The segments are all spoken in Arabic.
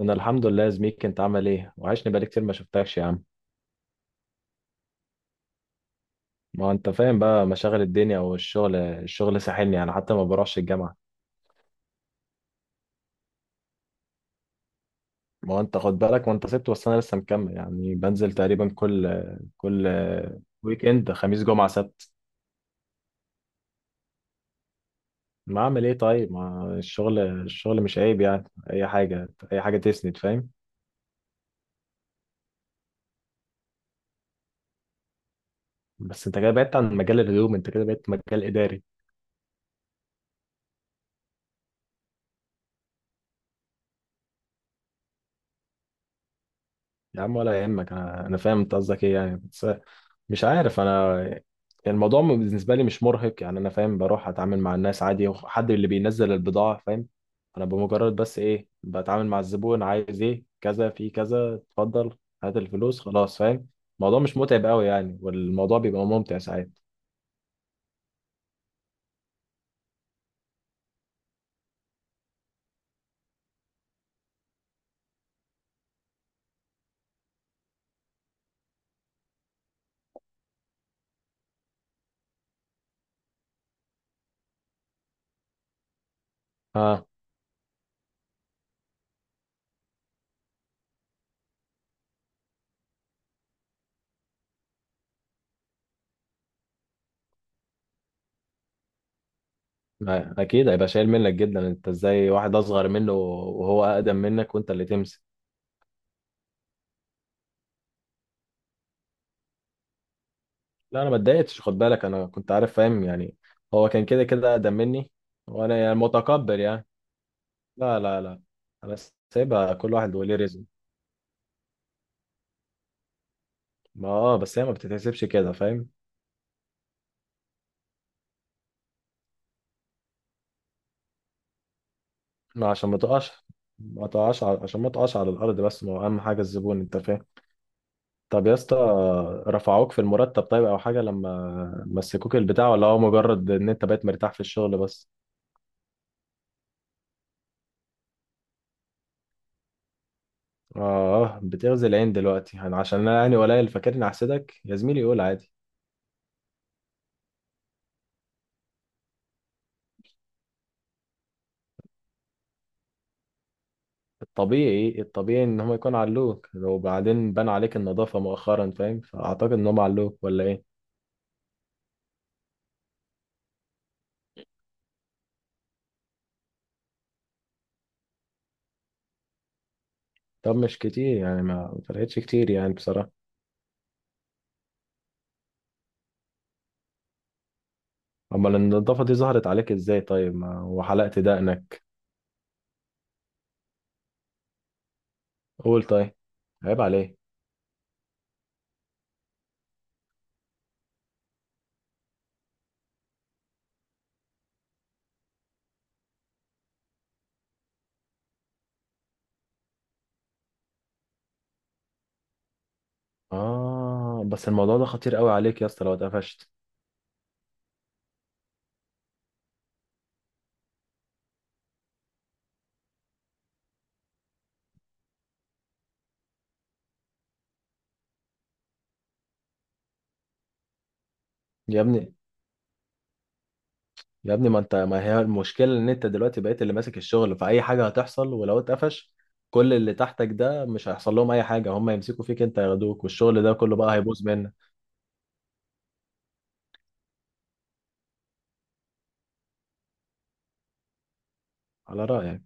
انا الحمد لله يا زميكي، انت عامل ايه؟ وحشني بقالي كتير ما شفتكش يا عم. ما هو انت فاهم بقى مشاغل الدنيا، والشغل الشغل ساحلني يعني، حتى ما بروحش الجامعه. ما هو انت خد بالك، ما انت سبت، بس انا لسه مكمل يعني، بنزل تقريبا كل كل ويك اند، خميس جمعه سبت. ما اعمل ايه طيب؟ ما الشغل الشغل مش عيب يعني، اي حاجه اي حاجه تسند فاهم. بس انت كده بعدت عن مجال الهدوم، انت كده بقيت مجال اداري. يا عم ولا يهمك، انا فاهم انت قصدك ايه يعني، بس مش عارف انا يعني. الموضوع بالنسبه لي مش مرهق يعني، انا فاهم بروح اتعامل مع الناس عادي، وحد اللي بينزل البضاعه فاهم. انا بمجرد بس ايه، بتعامل مع الزبون عايز ايه كذا في كذا، اتفضل هات الفلوس خلاص فاهم. الموضوع مش متعب قوي يعني، والموضوع بيبقى ممتع ساعات. اه. اكيد هيبقى شايل منك جدا، انت ازاي واحد اصغر منه، وهو اقدم منك وانت اللي تمسك. لا انا ما اتضايقتش، خد بالك انا كنت عارف فاهم يعني، هو كان كده كده اقدم مني. وانا يعني متقبل يعني. لا لا لا، انا سايبها، كل واحد وليه رزق. ما اه، بس هي ما بتتحسبش كده فاهم. ما عشان ما تقعش، ما تقعش عشان ما تقعش على الارض، بس ما هو اهم حاجه الزبون انت فاهم. طب يا اسطى، رفعوك في المرتب طيب او حاجه لما مسكوك البتاع؟ ولا هو مجرد ان انت بقيت مرتاح في الشغل بس؟ اه بتغزي العين دلوقتي يعني عشان انا يعني قليل؟ فاكرني احسدك يا زميلي؟ قول عادي. الطبيعي الطبيعي ان هم يكون علوك، وبعدين بان عليك النظافه مؤخرا فاهم، فاعتقد ان هم علوك ولا ايه؟ طب مش كتير يعني، ما فرقتش كتير يعني بصراحة. امال النضافة دي ظهرت عليك ازاي طيب؟ ما وحلقت دقنك. قول طيب، عيب عليك. اه بس الموضوع ده خطير قوي عليك يا اسطى لو اتقفشت. يا ابني، يا ابني ما انت، ما هي المشكلة ان انت دلوقتي بقيت اللي ماسك الشغل، فأي حاجة هتحصل ولو اتقفش، كل اللي تحتك ده مش هيحصل لهم اي حاجة، هم يمسكوا فيك انت، ياخدوك، والشغل ده كله بقى هيبوظ منك. على رأيك.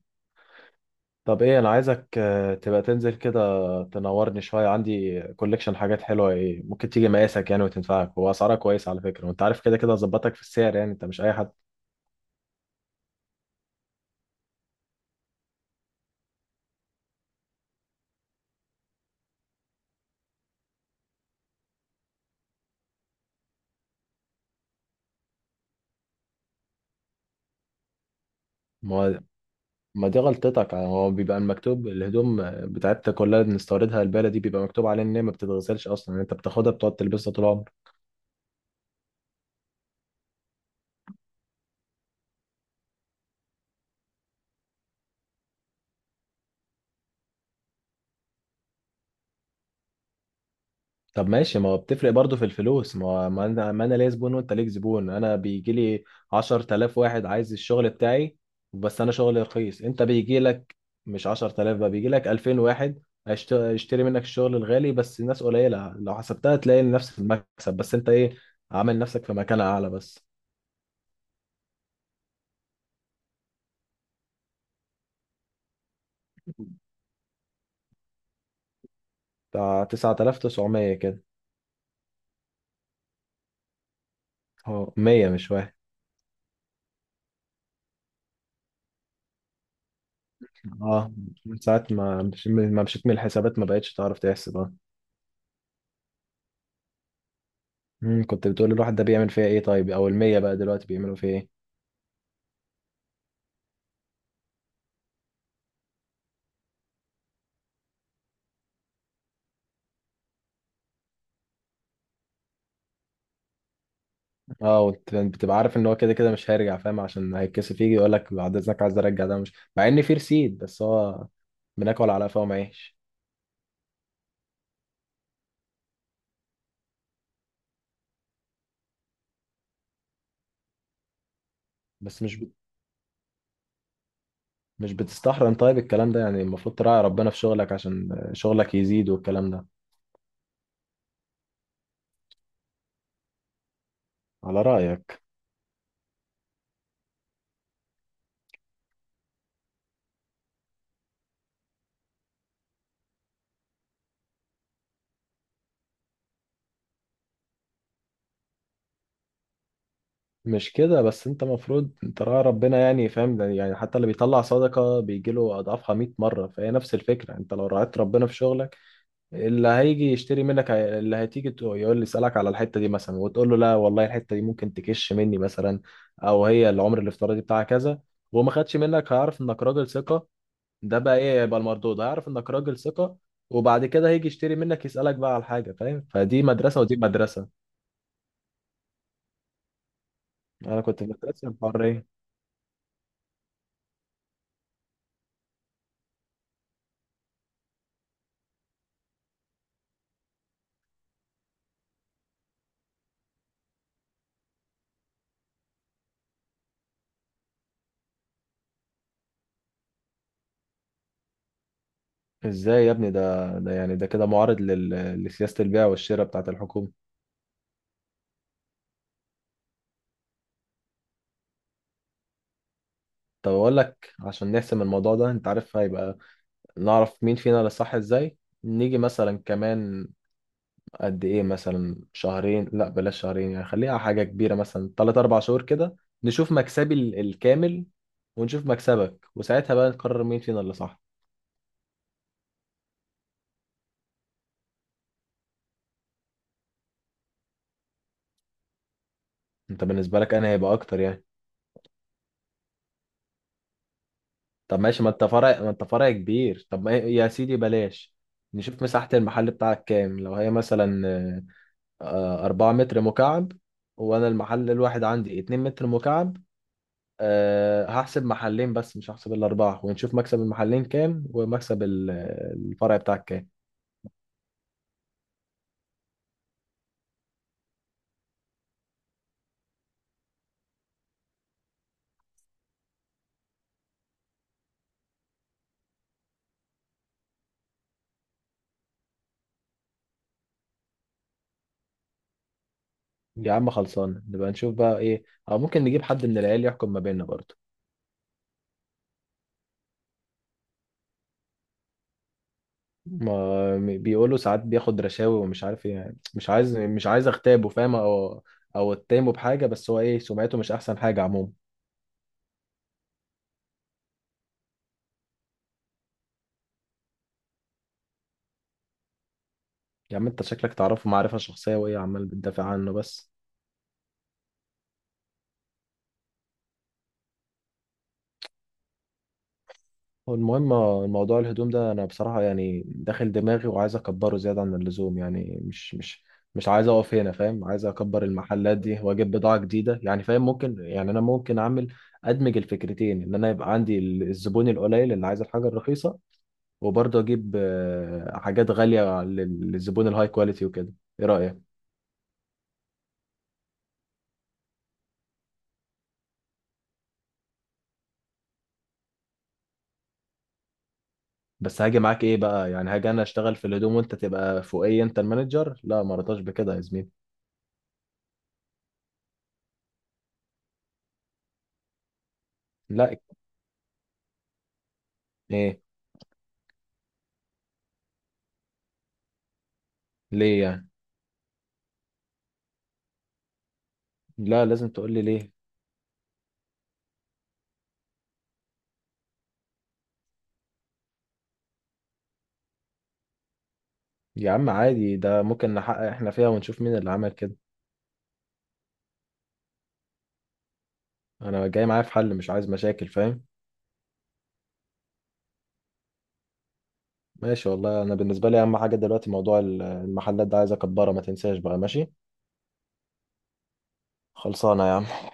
طب ايه، انا عايزك تبقى تنزل كده، تنورني شوية. عندي كوليكشن حاجات حلوة ايه، ممكن تيجي مقاسك يعني وتنفعك، واسعارها كويسة على فكرة، وانت عارف كده كده ظبطك في السعر يعني، انت مش اي حد. ما هو- ما دي غلطتك يعني، هو بيبقى المكتوب، الهدوم بتاعتنا كلها اللي بنستوردها البالة دي بيبقى مكتوب عليها ان هي ما بتتغسلش اصلا يعني، انت بتاخدها بتقعد تلبسها طول عمرك. طب ماشي، ما هو بتفرق برضه في الفلوس، ما هو ما انا ليا زبون وانت ليك زبون. انا بيجي لي 10,000 واحد عايز الشغل بتاعي، بس انا شغلي رخيص. انت بيجي لك مش 10,000 بقى، بيجي لك 2000 واحد هيشتري منك الشغل الغالي، بس الناس قليلة. لو حسبتها تلاقي نفس المكسب، بس انت ايه، عامل نفسك في مكان اعلى بس. بتاع 9,900 كده، هو 100 مش واحد. اه، من ساعة ما ما مشيت من الحسابات، ما بقتش تعرف تحسب. كنت بتقول الواحد ده بيعمل فيها ايه طيب، او المية بقى دلوقتي بيعملوا فيها ايه؟ اه بتبقى عارف ان هو كده كده مش هيرجع فاهم، عشان هيتكسف يجي يقول لك بعد اذنك عايز ارجع، ده مش مع ان في رسيد، بس هو بناكل على قفا ومعيش. بس مش ب... مش بتستحرم طيب الكلام ده يعني؟ المفروض تراعي ربنا في شغلك عشان شغلك يزيد، والكلام ده. على رأيك. مش كده بس، انت المفروض تراعي ربنا يعني فاهم، ده يعني حتى اللي بيطلع صدقة بيجيله اضعافها 100 مرة، فهي نفس الفكرة. انت لو راعيت ربنا في شغلك، اللي هيجي يشتري منك اللي هتيجي يقول لي اسالك على الحته دي مثلا، وتقول له لا والله الحته دي ممكن تكش مني مثلا، او هي العمر الافتراضي بتاعها كذا، وهو ما خدش منك هيعرف انك راجل ثقه. ده بقى ايه، يبقى المردود، هيعرف انك راجل ثقه، وبعد كده هيجي يشتري منك، يسالك بقى على حاجه فاهم. فدي مدرسه ودي مدرسه. انا كنت في مدرسه الحريه. ازاي يا ابني، ده يعني ده كده معارض لسياسه البيع والشراء بتاعت الحكومه. طب اقول لك عشان نحسم الموضوع ده، انت عارف هيبقى نعرف مين فينا اللي صح ازاي؟ نيجي مثلا كمان، قد ايه مثلا، شهرين لا بلاش شهرين يعني، خليها حاجة كبيرة مثلا تلات أربع شهور كده. نشوف مكسبي الكامل، ونشوف مكسبك، وساعتها بقى نقرر مين فينا اللي صح. انت بالنسبة لك انا هيبقى اكتر يعني. طب ماشي، ما انت فرع، ما انت فرع كبير، طب ما يا سيدي بلاش. نشوف مساحة المحل بتاعك كام، لو هي مثلا أربعة متر مكعب، وأنا المحل الواحد عندي اتنين متر مكعب. أه هحسب محلين بس مش هحسب الأربعة، ونشوف مكسب المحلين كام ومكسب الفرع بتاعك كام. يا عم خلصان، نبقى نشوف بقى إيه. أو ممكن نجيب حد من العيال يحكم ما بيننا برضه. ما بيقولوا ساعات بياخد رشاوي ومش عارف إيه يعني، مش عايز مش عايز أغتابه فاهم، أو أتهمه بحاجة، بس هو إيه، سمعته مش أحسن حاجة عموما. يا عم أنت شكلك تعرفه معرفة شخصية، وإيه عمال بتدافع عنه بس. هو المهم الموضوع الهدوم ده، انا بصراحة يعني داخل دماغي وعايز اكبره زيادة عن اللزوم يعني، مش عايز اقف هنا فاهم، عايز اكبر المحلات دي واجيب بضاعة جديدة يعني فاهم، ممكن يعني انا ممكن اعمل ادمج الفكرتين، ان انا يبقى عندي الزبون القليل اللي عايز الحاجة الرخيصة، وبرضه اجيب حاجات غالية للزبون الهاي كواليتي وكده. ايه رأيك؟ بس هاجي معاك ايه بقى يعني؟ هاجي انا اشتغل في الهدوم وانت تبقى فوقي انت المانجر؟ لا ما رضاش بكده يا زميلي. لا. ايه؟ ليه يعني؟ لا لازم تقول لي ليه. يا عم عادي، ده ممكن نحقق احنا فيها ونشوف مين اللي عمل كده. انا جاي معايا في حل مش عايز مشاكل فاهم. ماشي، والله انا بالنسبه لي اهم حاجه دلوقتي موضوع المحلات ده، عايز اكبرها، ما تنساش بقى ماشي. خلصانه يا عم.